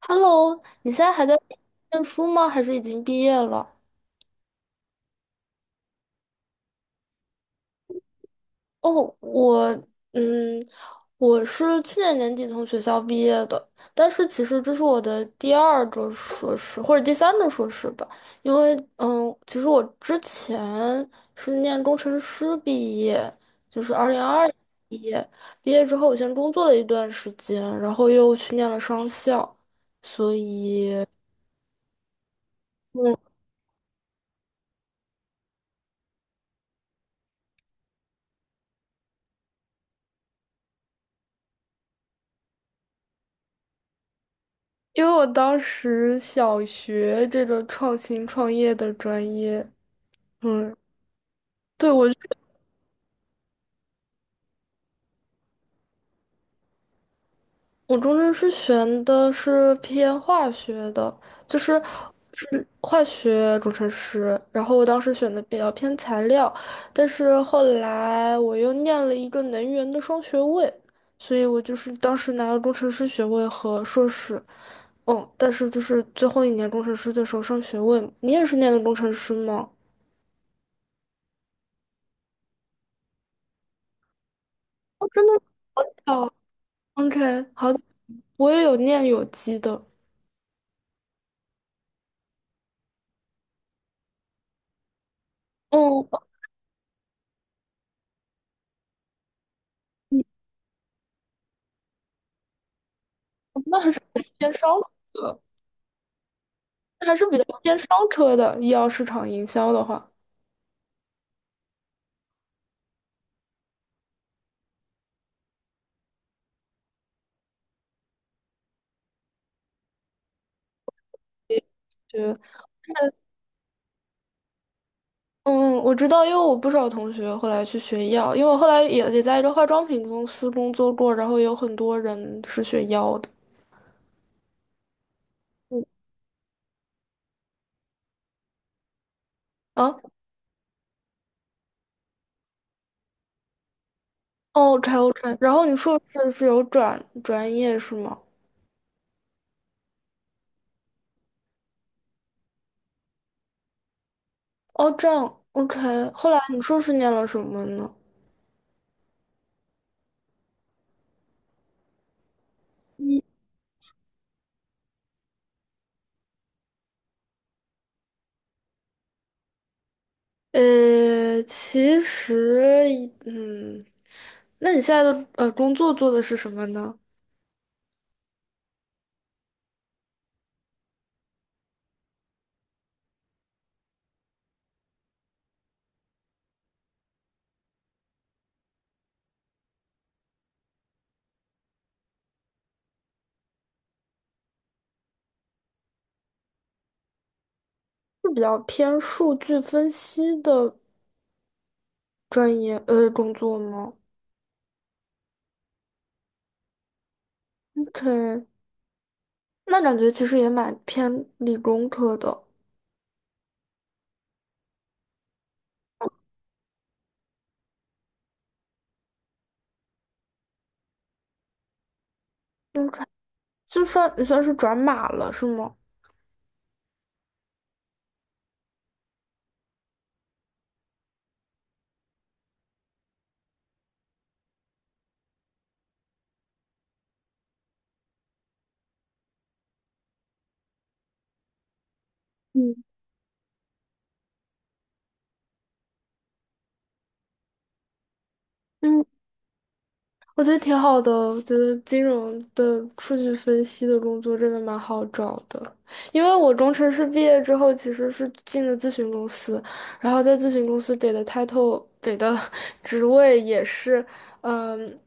Hello,你现在还在念书吗？还是已经毕业了？哦，我，嗯，我是去年年底从学校毕业的，但是其实这是我的第二个硕士或者第三个硕士吧，因为，其实我之前是念工程师毕业，就是二零二二毕业，毕业之后我先工作了一段时间，然后又去念了商校，所以。嗯。因为我当时小学这个创新创业的专业，嗯，对，我中间是选的是偏化学的，就是是化学工程师，然后我当时选的比较偏材料，但是后来我又念了一个能源的双学位，所以我就是当时拿了工程师学位和硕士，嗯，但是就是最后一年工程师的时候上学位嘛你也是念的工程师吗？哦，真的。好 OK，好，我也有念有机的，哦，嗯那还是偏商科的，那还是比较偏商科的。医药市场营销的话，对，嗯，我知道，因为我不少同学后来去学医药，因为我后来也在一个化妆品公司工作过，然后有很多人是学药的。嗯啊 o k OK，然后你硕士是有转专业是吗？哦，这样 OK，后来你硕士念了什么呢？其实嗯，那你现在的工作做的是什么呢？是比较偏数据分析的专业工作吗？OK，那感觉其实也蛮偏理工科的。OK，就算你算是转码了，是吗？嗯。我觉得挺好的，我觉得金融的数据分析的工作真的蛮好找的，因为我工程师毕业之后其实是进了咨询公司，然后在咨询公司给的 title 给的 职位也是，嗯。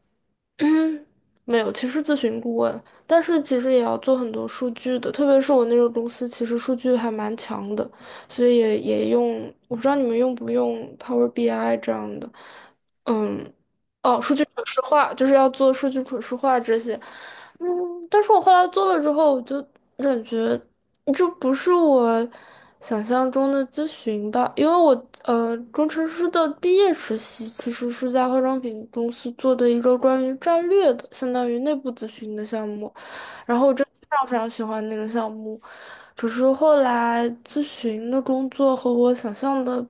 嗯，没有，其实咨询顾问，但是其实也要做很多数据的，特别是我那个公司，其实数据还蛮强的，所以也用，我不知道你们用不用 Power BI 这样的，嗯，哦，数据可视化，就是要做数据可视化这些，嗯，但是我后来做了之后，我就感觉这不是我想象中的咨询吧，因为我工程师的毕业实习其实是在化妆品公司做的一个关于战略的，相当于内部咨询的项目，然后我真的非常非常喜欢那个项目，只是后来咨询的工作和我想象的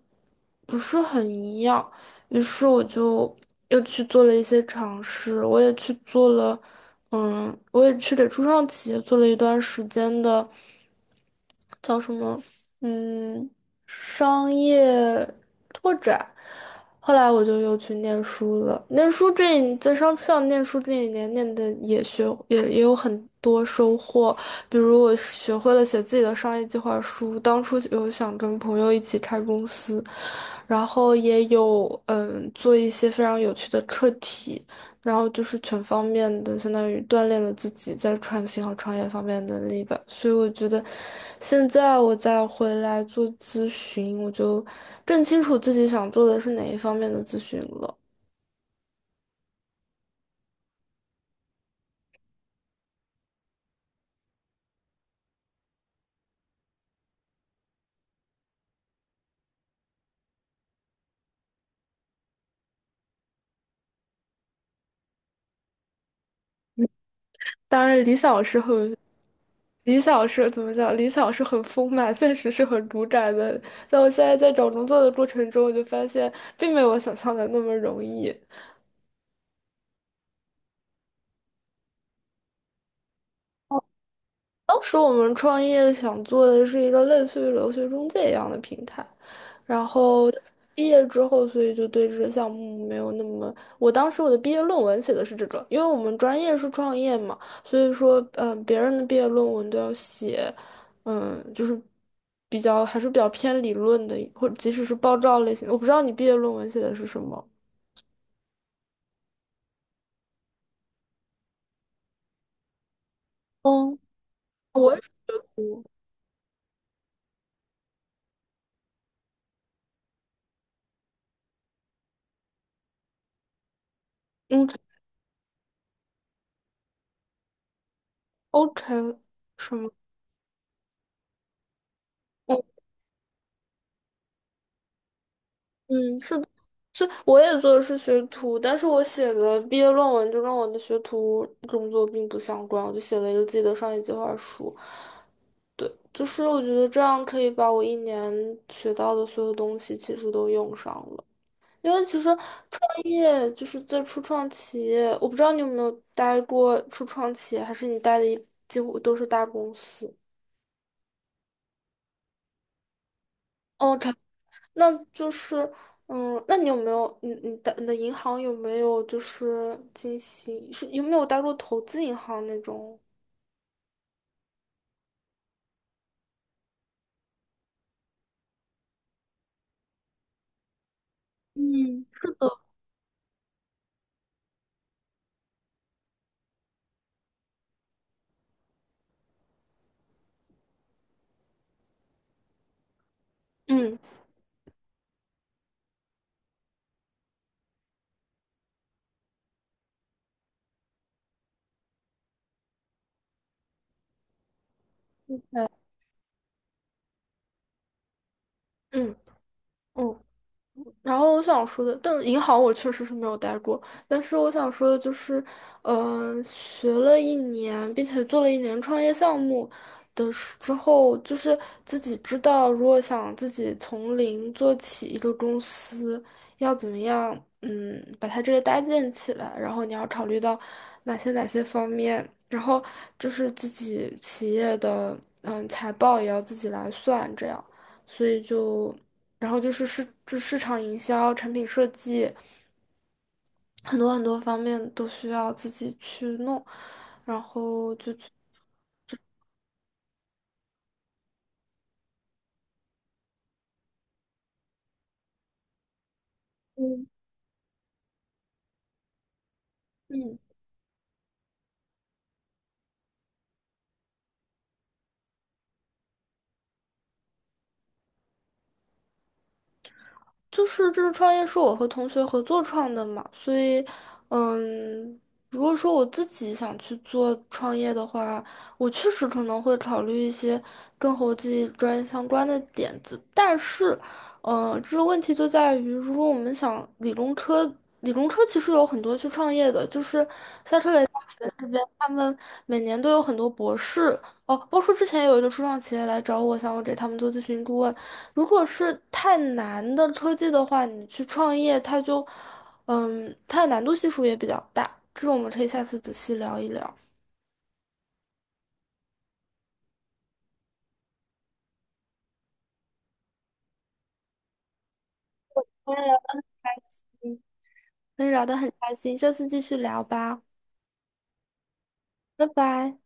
不是很一样，于是我就又去做了一些尝试，我也去做了，嗯，我也去给初创企业做了一段时间的。叫什么？嗯，商业拓展。后来我就又去念书了。念书在商上念书这一年念的也有很多收获，比如我学会了写自己的商业计划书。当初有想跟朋友一起开公司，然后也有嗯做一些非常有趣的课题。然后就是全方面的，相当于锻炼了自己在创新和创业方面的能力吧。所以我觉得，现在我再回来做咨询，我就更清楚自己想做的是哪一方面的咨询了。当然，理想是怎么讲？理想是很丰满，现实是很骨感的。但我现在在找工作的过程中，我就发现，并没有我想象的那么容易。当时我们创业想做的是一个类似于留学中介一样的平台，然后毕业之后，所以就对这个项目没有那么。我当时我的毕业论文写的是这个，因为我们专业是创业嘛，所以说，嗯，别人的毕业论文都要写，嗯，就是还是比较偏理论的，或者即使是报告类型的。我不知道你毕业论文写的是什么。嗯，我也是，嗯，OK，什么？嗯，是的，是我也做的是学徒，但是我写的毕业论文就跟我的学徒工作并不相关，我就写了一个自己的商业计划书。对，就是我觉得这样可以把我一年学到的所有东西其实都用上了，因为其实创业就是在初创企业，我不知道你有没有待过初创企业，还是你待的几乎都是大公司。哦，k 那就是，嗯，那你有没有，你的银行有没有就是进行，是有没有打入投资银行那种？嗯，是的，嗯对，嗯。然后我想说的，但银行我确实是没有待过，但是我想说的就是，嗯、学了一年，并且做了一年创业项目之后，就是自己知道，如果想自己从零做起一个公司，要怎么样，嗯，把它这个搭建起来，然后你要考虑到哪些方面，然后就是自己企业的，嗯，财报也要自己来算，这样，所以就。然后就是市场营销、产品设计，很多方面都需要自己去弄，然后就去嗯嗯。就是这个创业是我和同学合作创的嘛，所以，嗯，如果说我自己想去做创业的话，我确实可能会考虑一些跟国际专业相关的点子，但是，这个问题就在于，如果我们想理工科，理工科其实有很多去创业的，就是夏特雷大学这边，他们每年都有很多博士，哦，包括之前有一个初创企业来找我，想我给他们做咨询顾问。如果是太难的科技的话，你去创业，它就，嗯，它的难度系数也比较大。这个我们可以下次仔细聊一聊。嗯跟你聊得很开心，下次继续聊吧，拜拜。